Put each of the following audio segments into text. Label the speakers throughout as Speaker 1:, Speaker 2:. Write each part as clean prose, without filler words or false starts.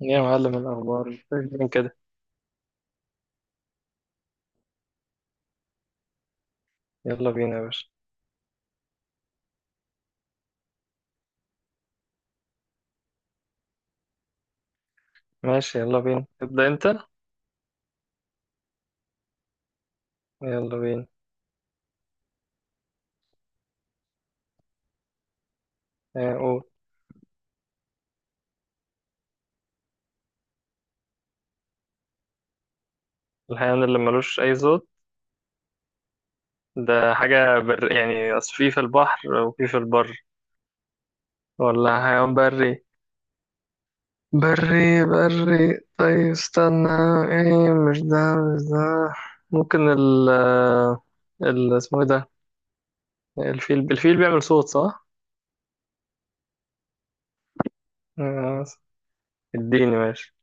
Speaker 1: يا معلم، الأخبار فين كده؟ يلا بينا يا باشا. ماشي، يلا بينا، ابدأ أنت. يلا بينا. قول. الحيوان اللي ملوش أي صوت؟ ده حاجة يعني أصل في البحر وفي البر. ولا حيوان بري؟ بري بري، طيب استنى. ايه، مش ده. مش ده. ممكن ال-، ال- اسمه ايه ده؟ الفيل، الفيل بيعمل صوت، صح؟ آه، اديني، ماشي.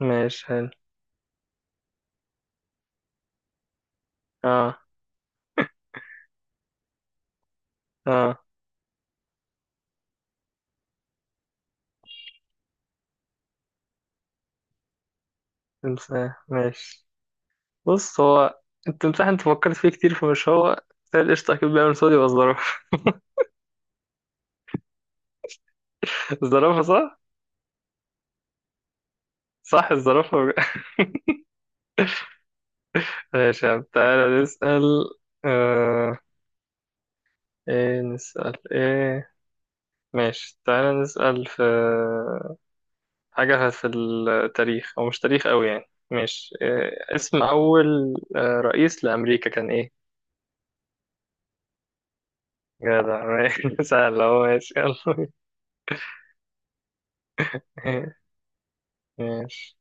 Speaker 1: ماشي، حلو. اه. اه. تمساح، ماشي. بص، هو التمساح انت فكرت فيه كتير، فمش هو. بس هي القشطة أكيد بيعمل صوت، يبقى الزرافة. الزرافة، صح؟ صح، الزرافة. ماشي يا عم، تعالى نسأل. آه... ايه نسأل ايه؟ ماشي، تعالى نسأل في حاجة في التاريخ، أو مش تاريخ أوي يعني. ماشي، إيه اسم أول رئيس لأمريكا كان ايه؟ جدع، ماشي. سهل أهو، ماشي، يلا. ماشي.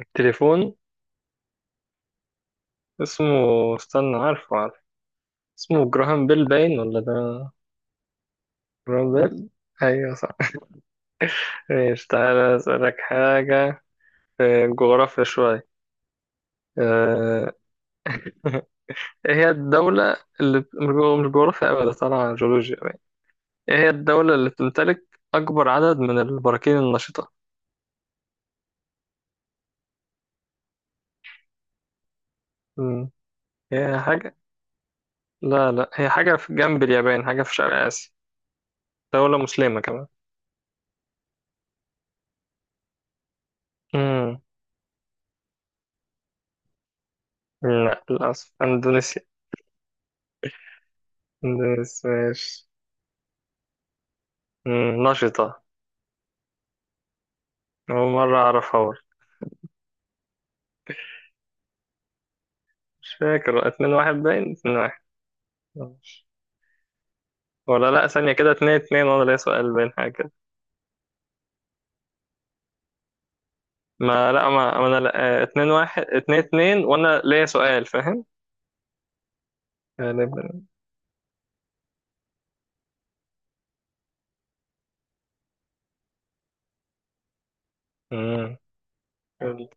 Speaker 1: التليفون. اسمه، استنى، عارفه. اسمه جراهام بيل باين ولا ده؟ جراهام بيل. ايوه، صح. ماشي، تعالى اسألك حاجة في الجغرافيا شوية. آه، ايه هي الدولة اللي مش جغرافيا أبدا، طالعة جيولوجيا باين. ايه هي الدولة اللي بتمتلك أكبر عدد من البراكين النشطة؟ مم. هي حاجة، لا، لا، هي حاجة في جنب اليابان، حاجة في شرق آسيا. دولة مسلمة كمان. مم. لا، للأسف إندونيسيا. إندونيسيا، ماشي. نشطة. أول مرة أعرفها. مش فاكر، اتنين واحد باين، اتنين واحد. آه. ولا، لا، ثانية كده، اتنين اتنين وانا ليا سؤال باين، حاجة كده. ما لا ما ما انا لا اتنين واحد، اتنين اتنين، وانا ليا سؤال، فاهم؟ غالبا. امم. امم.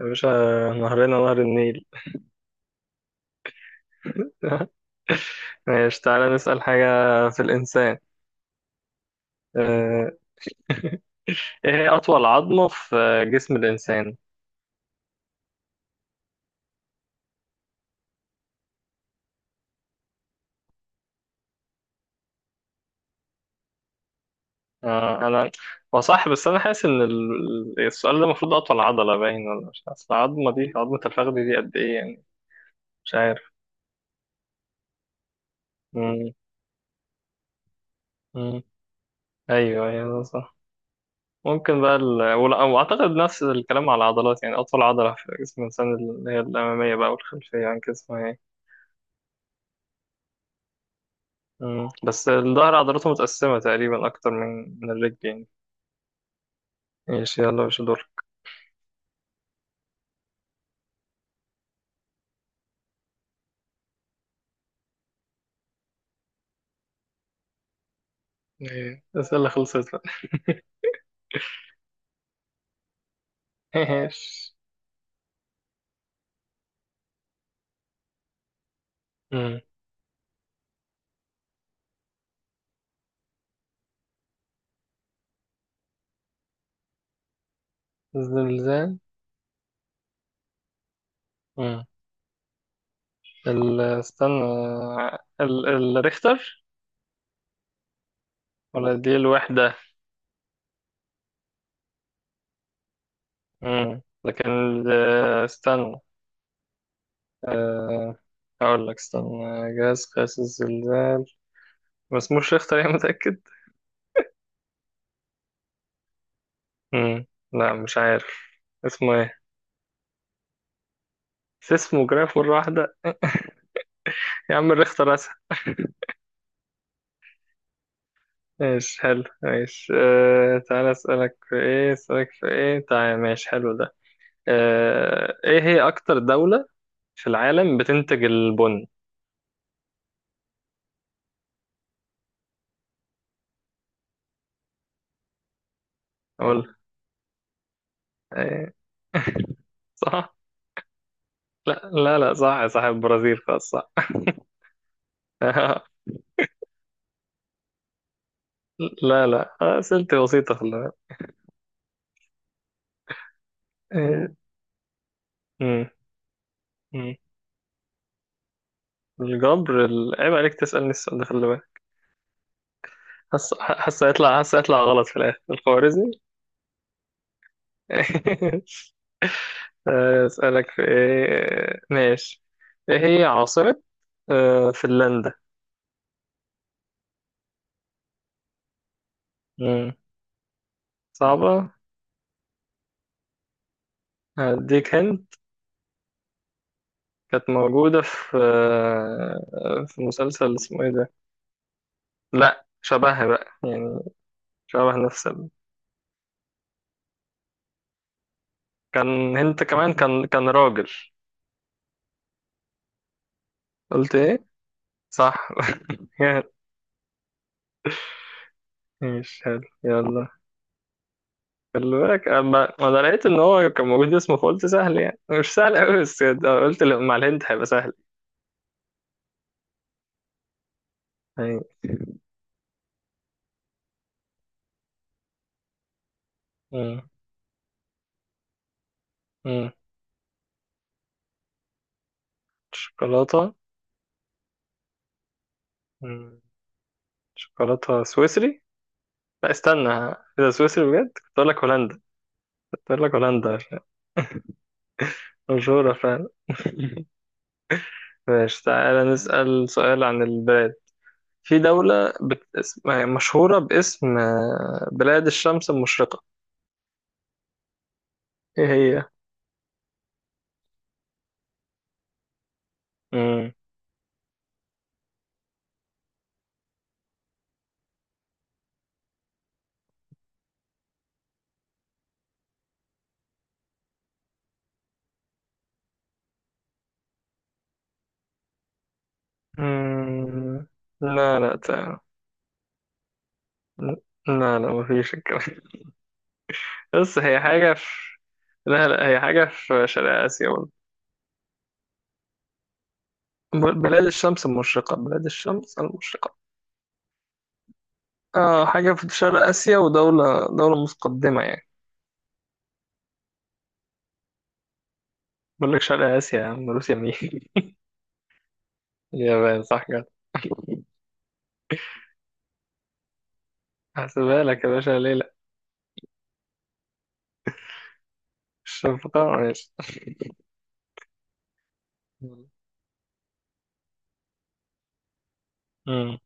Speaker 1: يا باشا، نهرنا نهر النيل. ماشي، تعالى نسأل حاجة في الإنسان. آه، إيه هي أطول عظمة في جسم الإنسان؟ أنا، هو صح، بس أنا حاسس إن السؤال ده المفروض أطول عضلة باين، ولا مش عارف. أصل العظمة دي، عظمة الفخذ دي، قد إيه يعني؟ مش عارف. مم. مم. ايوه، ايوه، ده صح. ممكن بقى ال... واعتقد نفس الكلام على العضلات، يعني اطول عضله في جسم الانسان اللي هي الاماميه بقى والخلفيه عن جسمها يعني. مم. بس الظهر عضلاته متقسمه تقريبا اكتر من الرجل يعني. ايش، يلا، مش دور. إيه. الاسئله خلصت بقى؟ ايش؟ مم. الزلزال. مم. ال... استنى. ال... الريختر. ولا دي الوحده؟ مم. لكن استنى. آه، هقول لك، استنى، جهاز قياس الزلزال ما اسموش ريختر يا متأكد؟ مم. لا، مش عارف. اسمه ايه؟ سيسموجراف مرة واحدة! يا عم، الريختر اسهل. ماشي، حلو. ماشي. تعالى اسألك في ايه، اسألك في ايه، تعالى، ماشي حلو ده. ايه هي اكتر دولة في العالم بتنتج البن؟ اقول. إيه. صح. لا، لا، لا، صح، صح، البرازيل، خلاص صح. لا، لا، أسئلتي بسيطة، خلي بالك. إيه. مم. الجبر. عيب عليك تسألني السؤال ده، خلي بالك. حاسس هيطلع، حاسس هيطلع غلط في الآخر، الخوارزمي. أسألك في إيه؟ ماشي. إيه هي عاصمة فنلندا؟ مم. صعبة. هديك هند. كانت موجودة في مسلسل اسمه إيه ده. لأ، شبهها بقى يعني، شبه نفس ال-. كان هنت كمان، كان راجل. قلت إيه؟ صح. ماشي، حلو، يلا. خلي بالك، اما ما انا لقيت ان هو كان موجود اسمه، فقلت سهل يعني، مش سهل قوي، بس ده قلت لا، مع الهند هيبقى سهل. يعني. مم. مم. شوكولاته. مم. شوكولاته سويسري. لا، استنى. اذا سويسري بجد كنت اقول لك هولندا. كنت اقول لك هولندا، عشان مشهوره فعلا. ماشي، تعالى نسأل سؤال عن البلاد. في دولة يعني مشهورة باسم بلاد الشمس المشرقة. ايه هي؟ مم. مم. لا. لا، لا لا مفيش الكلام. بس هي حاجة في، لا، لا، هي حاجة في شرق آسيا برضه. بلاد الشمس المشرقة، بلاد الشمس المشرقة. آه، حاجة في شرق آسيا، ودولة متقدمة يعني. بقول لك شرق آسيا يا عم، روسيا مين؟ اليابان، صح كده. هحسبها لك يا باشا، ليه لا؟ الشفقة، ماشي. أمم.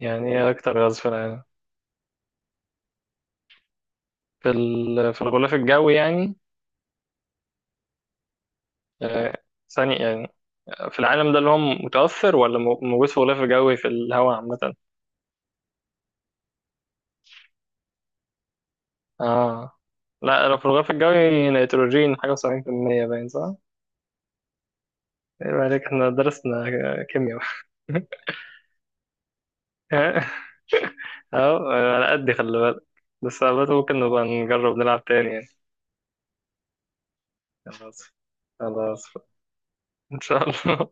Speaker 1: يعني ايه أكتر غاز في العالم؟ في ال... في الغلاف الجوي يعني؟ آه. ثاني يعني، في العالم ده، اللي هو متوفر ولا موجود في غلاف جوي في الهواء عامة؟ اه. لا، لو في الغلاف الجوي نيتروجين حاجة و70% باين، صح؟ ايه عليك، احنا درسنا كيمياء. اهو على قد خلي بالك. بس على بالك ممكن نبقى نجرب نلعب تاني يعني. خلاص. خلاص. ان شاء الله.